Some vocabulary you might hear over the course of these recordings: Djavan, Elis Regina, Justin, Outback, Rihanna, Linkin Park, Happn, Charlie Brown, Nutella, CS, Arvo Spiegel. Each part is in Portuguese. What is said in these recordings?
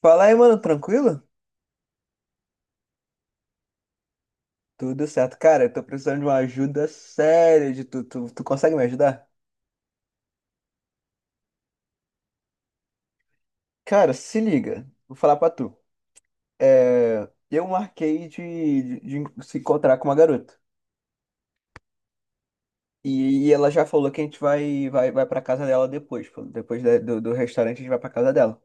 Fala aí, mano, tranquilo? Tudo certo. Cara, eu tô precisando de uma ajuda séria de tu. Tu consegue me ajudar? Cara, se liga. Vou falar pra tu. Eu marquei de se encontrar com uma garota. E ela já falou que a gente vai pra casa dela depois. Pô. Depois do restaurante, a gente vai pra casa dela.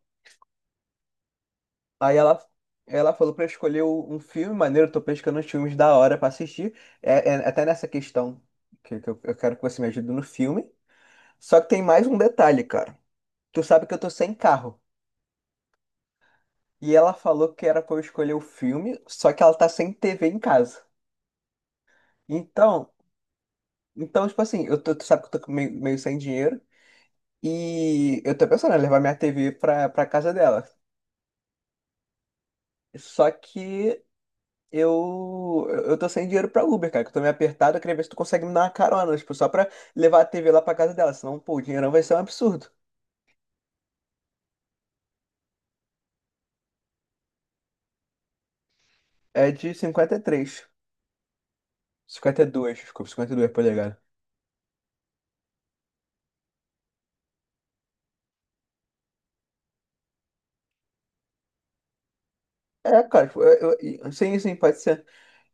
Aí ela, ela falou pra eu escolher um filme maneiro. Eu tô pescando uns filmes da hora pra assistir. É até nessa questão que eu quero que você me ajude no filme. Só que tem mais um detalhe, cara. Tu sabe que eu tô sem carro. E ela falou que era pra eu escolher o filme, só que ela tá sem TV em casa. Então, então tipo assim, eu tô, tu sabe que eu tô meio sem dinheiro. E eu tô pensando em levar minha TV pra casa dela. Só que eu tô sem dinheiro pra Uber, cara, que eu tô meio apertado. Eu queria ver se tu consegue me dar uma carona, tipo, só pra levar a TV lá pra casa dela. Senão, pô, o dinheirão vai ser um absurdo. É de 53. 52, desculpa, 52 polegadas. Cara, tipo, sim, pode ser.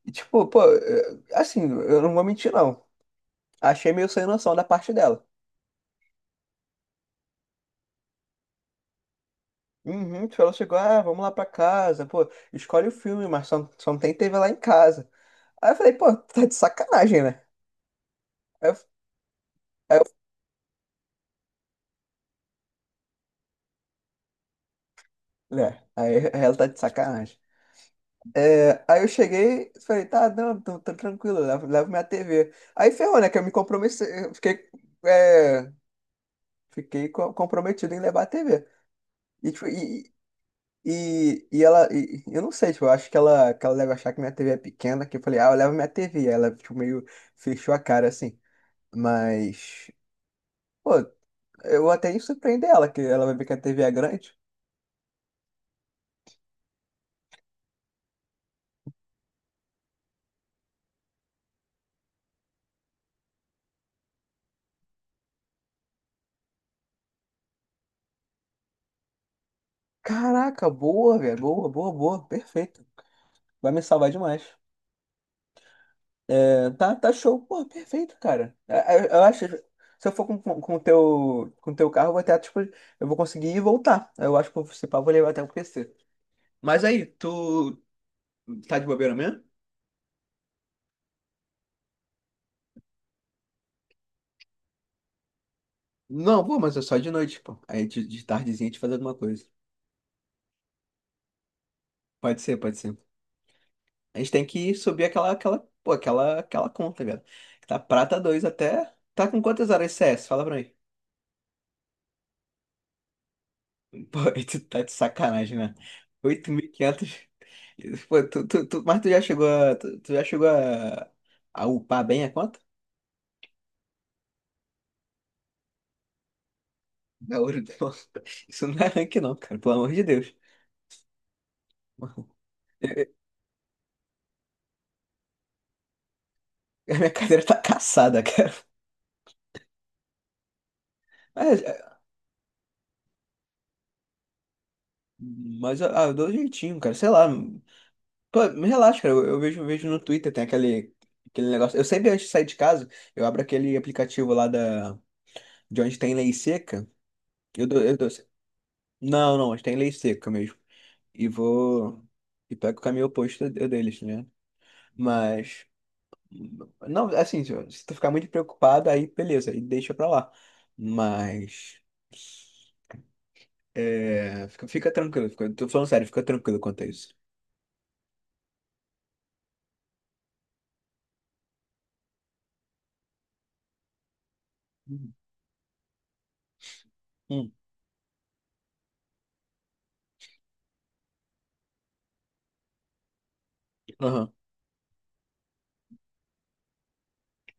E, tipo, pô, assim, eu não vou mentir, não. Achei meio sem noção da parte dela. Uhum, tipo, ela chegou, ah, vamos lá pra casa, pô, escolhe o filme, mas só não tem TV lá em casa. Aí eu falei, pô, tá de sacanagem, né? Aí eu, aí né? Aí ela tá de sacanagem. Aí eu cheguei, falei, tá, não, tô tranquilo, levo minha TV. Aí ferrou, né, que eu me comprometi, é, fiquei comprometido em levar a TV. E ela, eu não sei, tipo, eu acho que ela deve achar que minha TV é pequena, que eu falei, ah, eu levo minha TV. Ela, tipo, meio fechou a cara assim. Mas, pô, eu até ia surpreender ela, que ela vai ver que a TV é grande. Caraca, boa, velho, boa, boa, boa, perfeito. Vai me salvar demais. Tá, tá show, pô, perfeito, cara. Eu acho, se eu for com o teu carro, eu vou até, tipo, eu vou conseguir ir e voltar. Eu acho que, se pá, eu vou levar até o PC. Mas aí, tu tá de bobeira mesmo? Não, pô, mas é só de noite, pô. Aí de tardezinha a gente faz alguma coisa. Pode ser, pode ser. A gente tem que subir aquela conta, velho. Tá prata 2 até. Tá com quantas horas de CS? Fala pra mim. Pô, aí tu tá de sacanagem, né? 8.500. Pô, tu, mas tu, tu já chegou a upar bem a conta? Da ouro, não. Isso não é rank, não, cara, pelo amor de Deus. A minha cadeira tá caçada, cara. Mas, eu dou um jeitinho, cara. Sei lá. Pô, relaxa, cara. Eu vejo um vídeo no Twitter, tem aquele negócio. Eu sempre antes de sair de casa, eu abro aquele aplicativo lá de onde tem lei seca. Eu dou, eu dou- não, não, onde tem lei seca mesmo. E vou. E pego o caminho oposto deles, né? Mas. Não, assim, se tu ficar muito preocupado, aí beleza, aí deixa pra lá. Mas. Fica tranquilo, fica, tô falando sério, fica tranquilo quanto a isso. Uhum. Hum. Aham,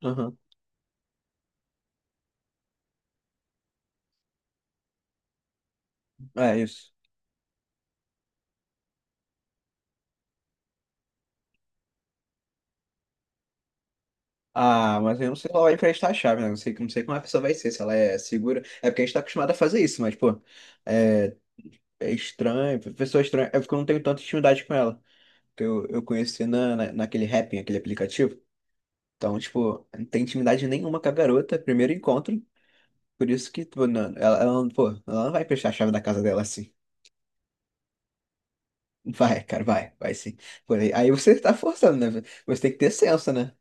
aham. É isso. Ah, mas eu não sei lá vai emprestar a chave, né? Não sei, não sei como a pessoa vai ser, se ela é segura. É porque a gente tá acostumado a fazer isso, mas, pô, é, é estranho, pessoa estranha. É porque eu não tenho tanta intimidade com ela. Que eu conheci naquele Happn, aquele aplicativo. Então, tipo, não tem intimidade nenhuma com a garota, primeiro encontro. Por isso que, pô, não, ela não vai emprestar a chave da casa dela assim. Vai, cara, vai, vai sim. Pô, aí você tá forçando, né? Você tem que ter senso, né?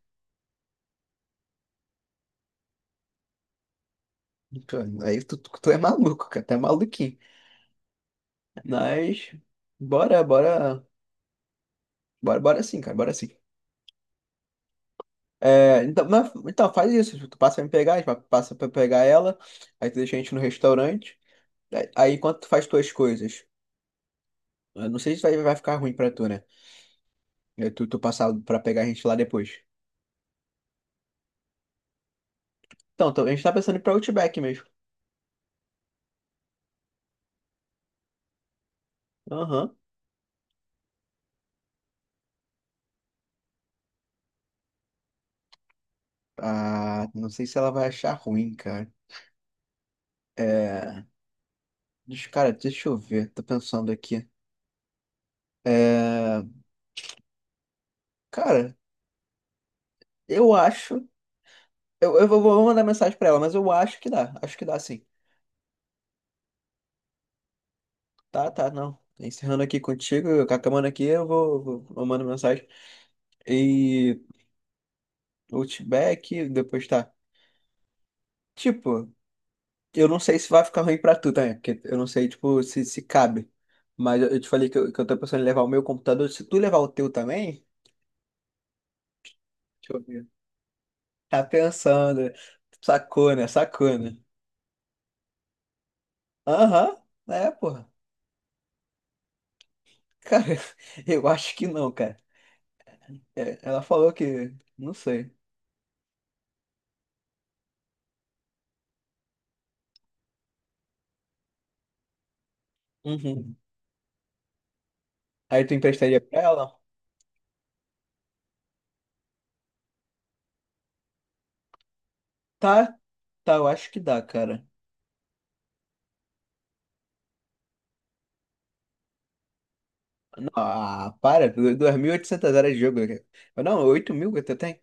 Pô, tu é maluco, cara, tu é maluquinho. Mas bora, bora, bora, bora sim, cara, bora sim. Então, então faz isso, tu passa pra me pegar, a gente passa pra pegar ela, aí tu deixa a gente no restaurante, aí enquanto tu faz tuas coisas, eu não sei se vai ficar ruim pra tu, né? Tu passar pra pegar a gente lá depois. Então, a gente tá pensando em ir pra Outback mesmo. Aham. Ah, não sei se ela vai achar ruim, cara. É, cara, deixa eu ver, tô pensando aqui. É, cara, eu acho. Eu vou mandar mensagem pra ela, mas eu acho que dá. Acho que dá sim. Tá, tá, não. Encerrando aqui contigo, com a câmera aqui, eu mando mensagem. E Outback, depois tá. Tipo, eu não sei se vai ficar ruim pra tu também, porque eu não sei, tipo, se cabe. Mas eu te falei que eu tô pensando em levar o meu computador. Se tu levar o teu também, deixa eu ver. Tá pensando. Sacou, né? Sacou, né? Aham, é, porra. Cara, eu acho que não, cara. É, ela falou que. Não sei. Uhum. Aí tu emprestaria pra ela? Tá, tá, eu acho que dá, cara. Não, ah, para, 2.800 horas de jogo, cara. Eu Não, 8.000 que eu tenho.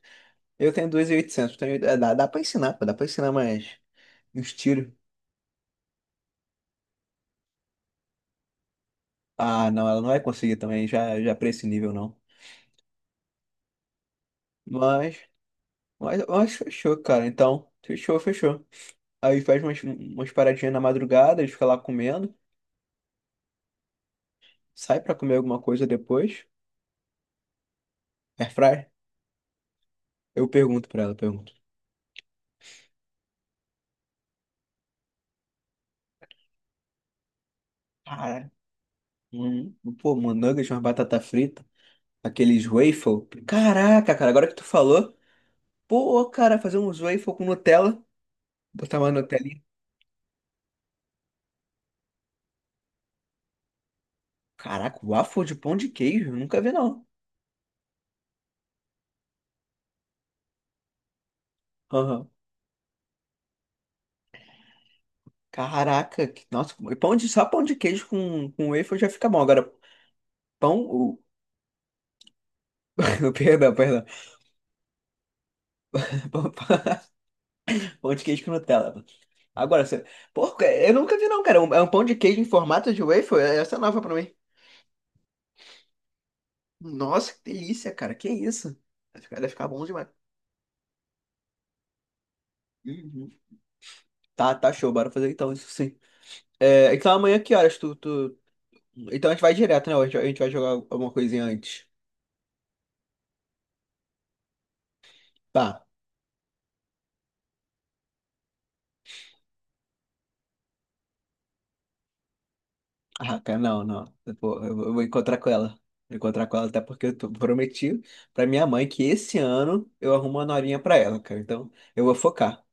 Eu tenho 2.800. Tenho, é, dá pra ensinar, pô, dá pra ensinar mais uns tiros. Ah, não, ela não vai conseguir também, já pra esse nível, não. Mas, mas fechou, cara. Então, fechou, fechou. Aí faz umas paradinhas na madrugada, a gente fica lá comendo. Sai pra comer alguma coisa depois. Airfryer? Eu pergunto pra ela, pergunto. Cara. Uhum. Pô, um nuggets, uma batata frita, aqueles waffle. Caraca, cara, agora que tu falou, pô, cara, fazer uns waffle com Nutella, botar uma Nutelinha. Caraca, waffle de pão de queijo, nunca vi não. Aham. Caraca, nossa, e pão de, só pão de queijo com waffle já fica bom. Agora, pão, o, perdão, perdão, pão, pão de queijo com Nutella. Agora, você, pô, é, eu nunca vi não, cara. É um pão de queijo em formato de waffle. É, essa é nova pra mim. Nossa, que delícia, cara, que isso? Vai ficar bom demais. Uhum. Tá, tá show, bora fazer então isso sim. É, então amanhã que horas tu. Então a gente vai direto, né? A gente vai jogar alguma coisinha antes. Tá. Ah, cara, não, não. Eu vou encontrar com ela. Vou encontrar com ela, até porque eu prometi pra minha mãe que esse ano eu arrumo uma norinha pra ela, cara. Então eu vou focar.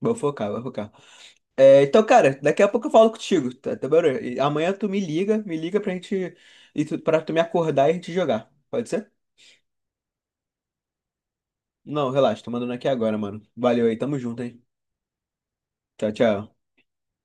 Vou focar, vou focar. É, então, cara, daqui a pouco eu falo contigo, tá bom? E amanhã tu me liga pra gente, pra tu me acordar e a gente jogar. Pode ser? Não, relaxa, tô mandando aqui agora, mano. Valeu aí, tamo junto, hein? Tchau, tchau.